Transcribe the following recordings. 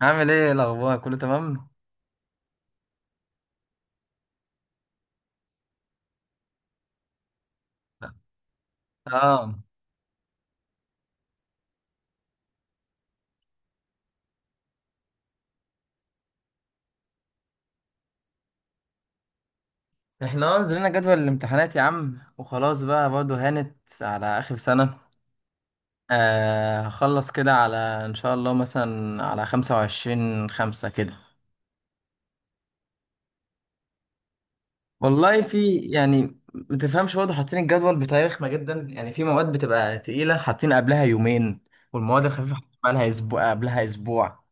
عامل ايه الاخبار، كله تمام؟ اه، احنا نزلنا جدول الامتحانات يا عم، وخلاص بقى برضه هانت على اخر سنة. آه، هخلص كده على ان شاء الله مثلا على 25/5 كده. والله في يعني متفهمش برضه، حاطين الجدول بتاريخنا جدا يعني، في مواد بتبقى تقيلة حاطين قبلها يومين، والمواد الخفيفة حاطين بقالها اسبوع، قبلها اسبوع.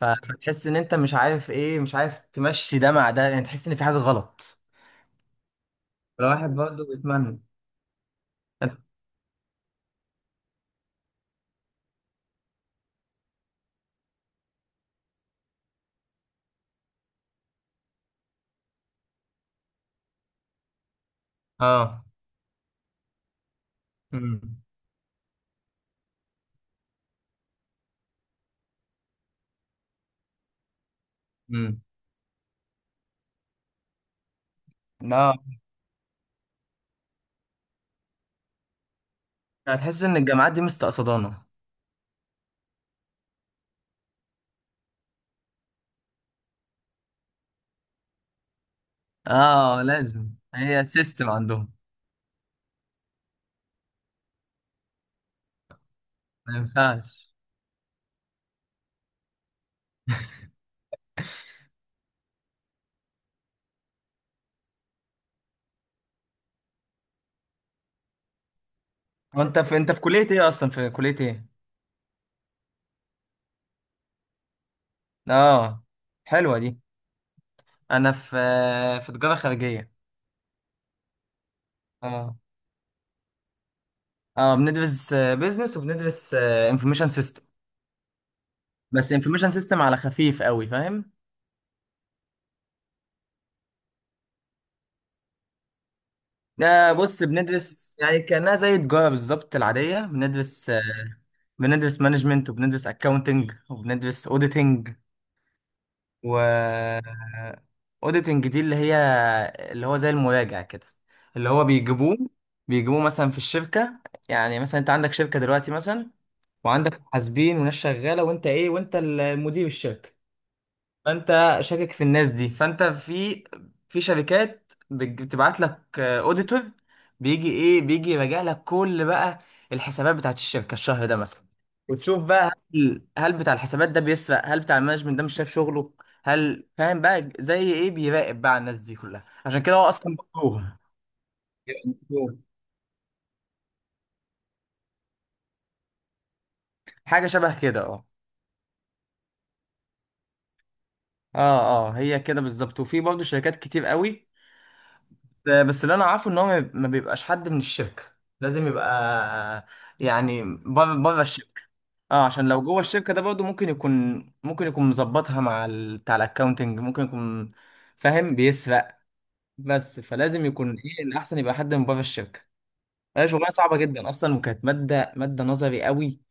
فتحس ان انت مش عارف ايه، مش عارف تمشي ده مع ده يعني، تحس ان في حاجة غلط. الواحد برضه بيتمنى. اه. امم امم اه، هتحس ان الجامعات دي مستقصدانه. اه، لازم هي سيستم عندهم. ما ينفعش. وانت في كليه ايه؟ اصلا في كليه ايه؟ اه، حلوه دي. انا في تجاره خارجيه. اه، اه، بندرس بيزنس وبندرس انفورميشن سيستم، بس انفورميشن سيستم على خفيف قوي فاهم. ده بص، بندرس يعني كانها زي تجاره بالظبط العاديه، بندرس مانجمنت، وبندرس اكاونتنج، وبندرس اوديتنج و اوديتنج دي اللي هي، اللي هو زي المراجع كده، اللي هو بيجيبوه مثلا في الشركة. يعني مثلا انت عندك شركة دلوقتي مثلا، وعندك محاسبين وناس شغالة، وانت ايه، وانت المدير الشركة، فانت شاكك في الناس دي، فانت في، في شركات بتبعت لك اوديتور، بيجي ايه، بيجي يراجع لك كل بقى الحسابات بتاعت الشركه الشهر ده مثلا. وتشوف بقى هل بتاع الحسابات ده بيسرق، هل بتاع المانجمنت ده مش شايف شغله، هل فاهم بقى، زي ايه بيراقب بقى على الناس دي كلها. عشان كده هو اصلا مكروه، يبقى مكروه. حاجه شبه كده، اه. اه، اه، هي كده بالظبط، وفي برضه شركات كتير قوي. بس اللي انا عارفه ان هو ما بيبقاش حد من الشركه، لازم يبقى يعني بره بره الشركه. اه، عشان لو جوه الشركه ده برضه ممكن يكون مظبطها مع بتاع الاكونتنج، ممكن يكون فاهم بيسرق. بس فلازم يكون ايه الاحسن، يبقى حد من بره الشركه. هي شغلانه صعبه جدا اصلا، وكانت ماده نظري قوي،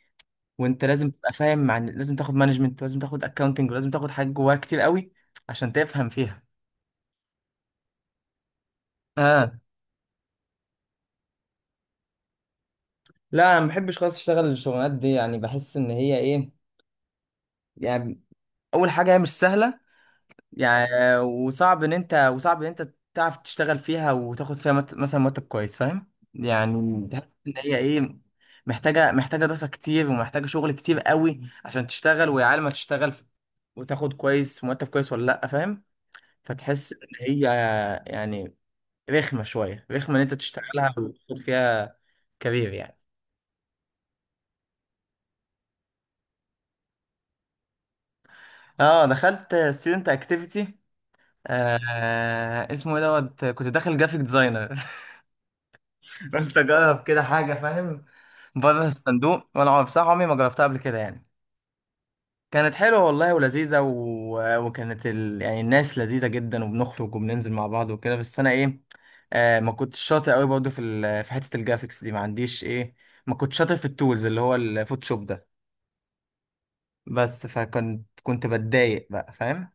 وانت لازم تبقى فاهم، مع إن لازم تاخد مانجمنت، لازم تاخد اكونتنج، ولازم تاخد حاجات جواها كتير قوي عشان تفهم فيها. اه، لا انا ما بحبش خالص اشتغل الشغلانات دي يعني، بحس ان هي ايه يعني. اول حاجه هي مش سهله يعني، وصعب ان انت تعرف تشتغل فيها وتاخد فيها مثلا مرتب كويس فاهم، يعني تحس ان هي ايه، محتاجه دراسه كتير، ومحتاجه شغل كتير قوي عشان تشتغل، ويا عالم هتشتغل وتاخد كويس، مرتب كويس ولا لا، فاهم. فتحس ان هي يعني، رخمه شويه، رخمه ان انت تشتغلها وتاخد فيها كبير يعني. اه، دخلت ستودنت اكتيفيتي. آه، اسمه ايه دوت، كنت داخل جرافيك ديزاينر. قلت اجرب كده حاجه فاهم، بره الصندوق. وانا بصراحه عمري ما جربتها قبل كده يعني. كانت حلوه والله ولذيذه، يعني الناس لذيذه جدا، وبنخرج وبننزل مع بعض وكده. بس انا ايه، آه، ما كنتش شاطر قوي برضه في حته الجرافيكس دي، ما عنديش ايه، ما كنتش شاطر في التولز اللي هو الفوتوشوب ده. بس فكنت بتضايق بقى فاهم.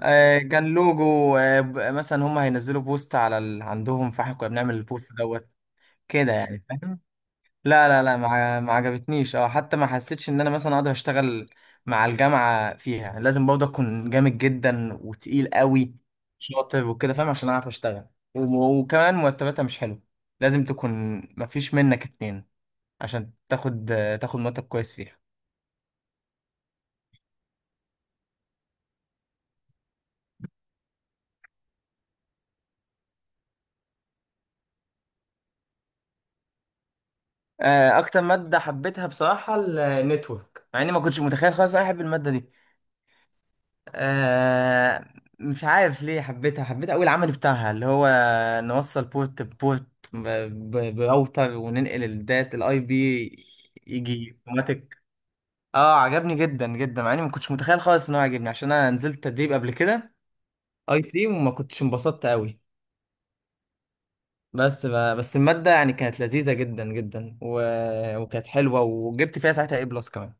آه، كان لوجو. مثلا هم هينزلوا بوست على عندهم، فاحنا كنا بنعمل البوست دوت كده يعني فاهم. لا، ما عجبتنيش، او حتى ما حسيتش ان انا مثلا اقدر اشتغل مع الجامعه، فيها لازم برضه اكون جامد جدا وتقيل قوي، شاطر وكده فاهم عشان اعرف اشتغل. وكمان مرتباتها مش حلو، لازم تكون، ما فيش منك اتنين عشان تاخد، تاخد مرتب كويس فيها. آه، اكتر ماده حبيتها بصراحه النتورك، مع اني ما كنتش متخيل خالص إن انا احب الماده دي. آه، مش عارف ليه حبيتها، حبيت أوي العمل بتاعها اللي هو نوصل بورت بورت براوتر، وننقل الدات الاي بي، يجي اوتوماتيك. اه، عجبني جدا جدا، مع اني ما كنتش متخيل خالص ان هو عجبني، عشان انا نزلت تدريب قبل كده اي تي، وما كنتش انبسطت قوي. بس ب... بس المادة يعني كانت لذيذة جدا جدا، وكانت حلوة، وجبت فيها ساعتها اي بلس كمان.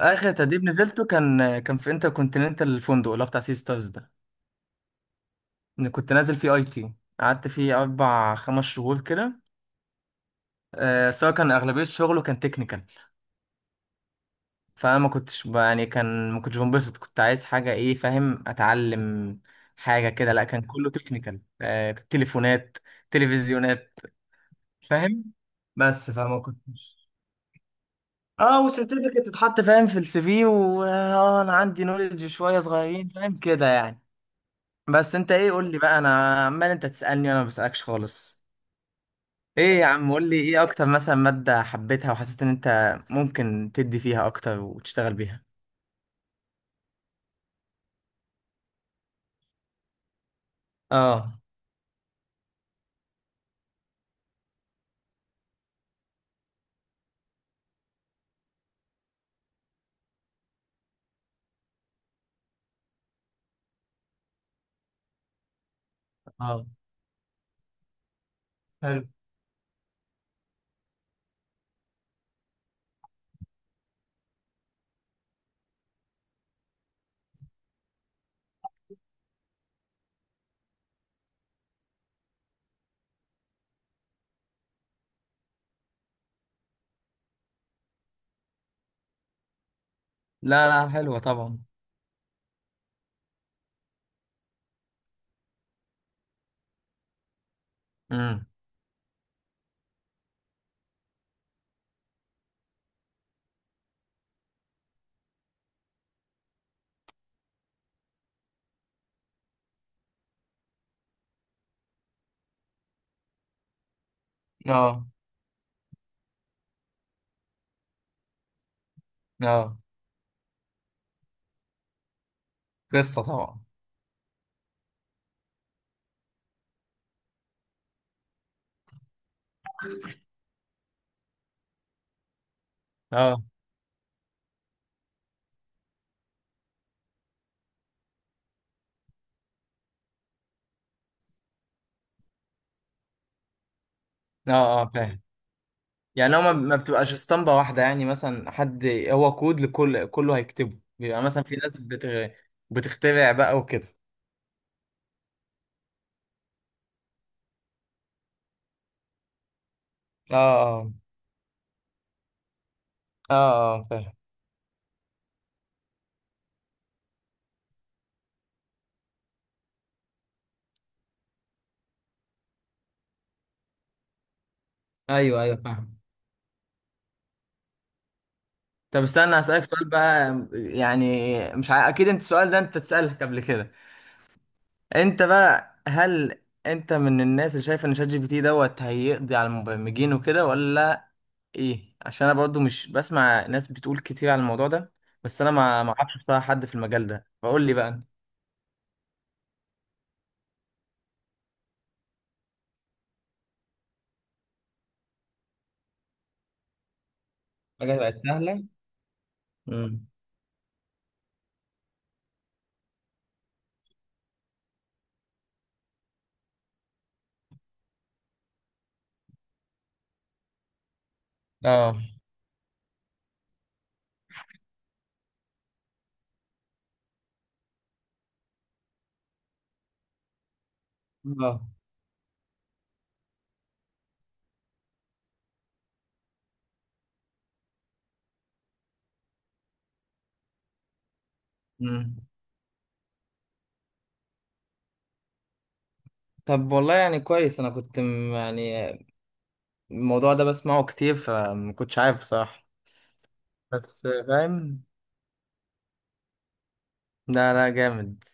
اخر تدريب نزلته كان في انتر كونتيننتال الفندق، اللي هو بتاع سي ستارز ده، إن كنت نازل فيه اي تي. قعدت فيه 4 5 شهور كده. آه، سواء كان اغلبيه شغله كان تكنيكال. فانا ما كنتش يعني كان ما كنتش بنبسط، كنت عايز حاجه ايه فاهم، اتعلم حاجه كده. لا كان كله تكنيكال، آه، تليفونات، تلفزيونات فاهم. بس فما كنتش. اه، وسيرتيفيكت تتحط فاهم في السي في، واه انا عندي نولج شويه صغيرين فاهم كده يعني. بس انت ايه، قول لي بقى، انا عمال انت تسالني وانا ما بسالكش خالص. ايه يا عم، قول لي ايه اكتر مثلا مادة حبيتها، وحسيت ان انت ممكن تدي فيها اكتر وتشتغل بيها. اه، اه، حلو. لا لا، حلوة طبعا. امم. اه، اه، قصة طبعا. اه، اه، اه، فاهم. يعني هو ما بتبقاش اسطمبة واحدة يعني، مثلا حد، هو كود لكل كله هيكتبه، بيبقى مثلا في ناس بتخترع بقى وكده. اه، اه، اه، اه، فاهم. ايوه، ايوه، فاهم. طب استنى هسألك سؤال بقى، يعني مش ع... اكيد انت السؤال ده انت تسألك قبل كده. انت بقى، هل انت من الناس اللي شايف ان شات جي بي تي دوت هيقضي على المبرمجين وكده، ولا ايه؟ عشان انا برضو مش بسمع ناس بتقول كتير على الموضوع ده، بس انا ما اعرفش بصراحة حد في المجال ده، فقول لي بقى. حاجة بقت سهلة. امم اه، اه. امم طب والله يعني كويس، انا كنت يعني الموضوع ده بسمعه كتير، فما كنتش عارف بصراحة. بس فاهم. لا لا، جامد.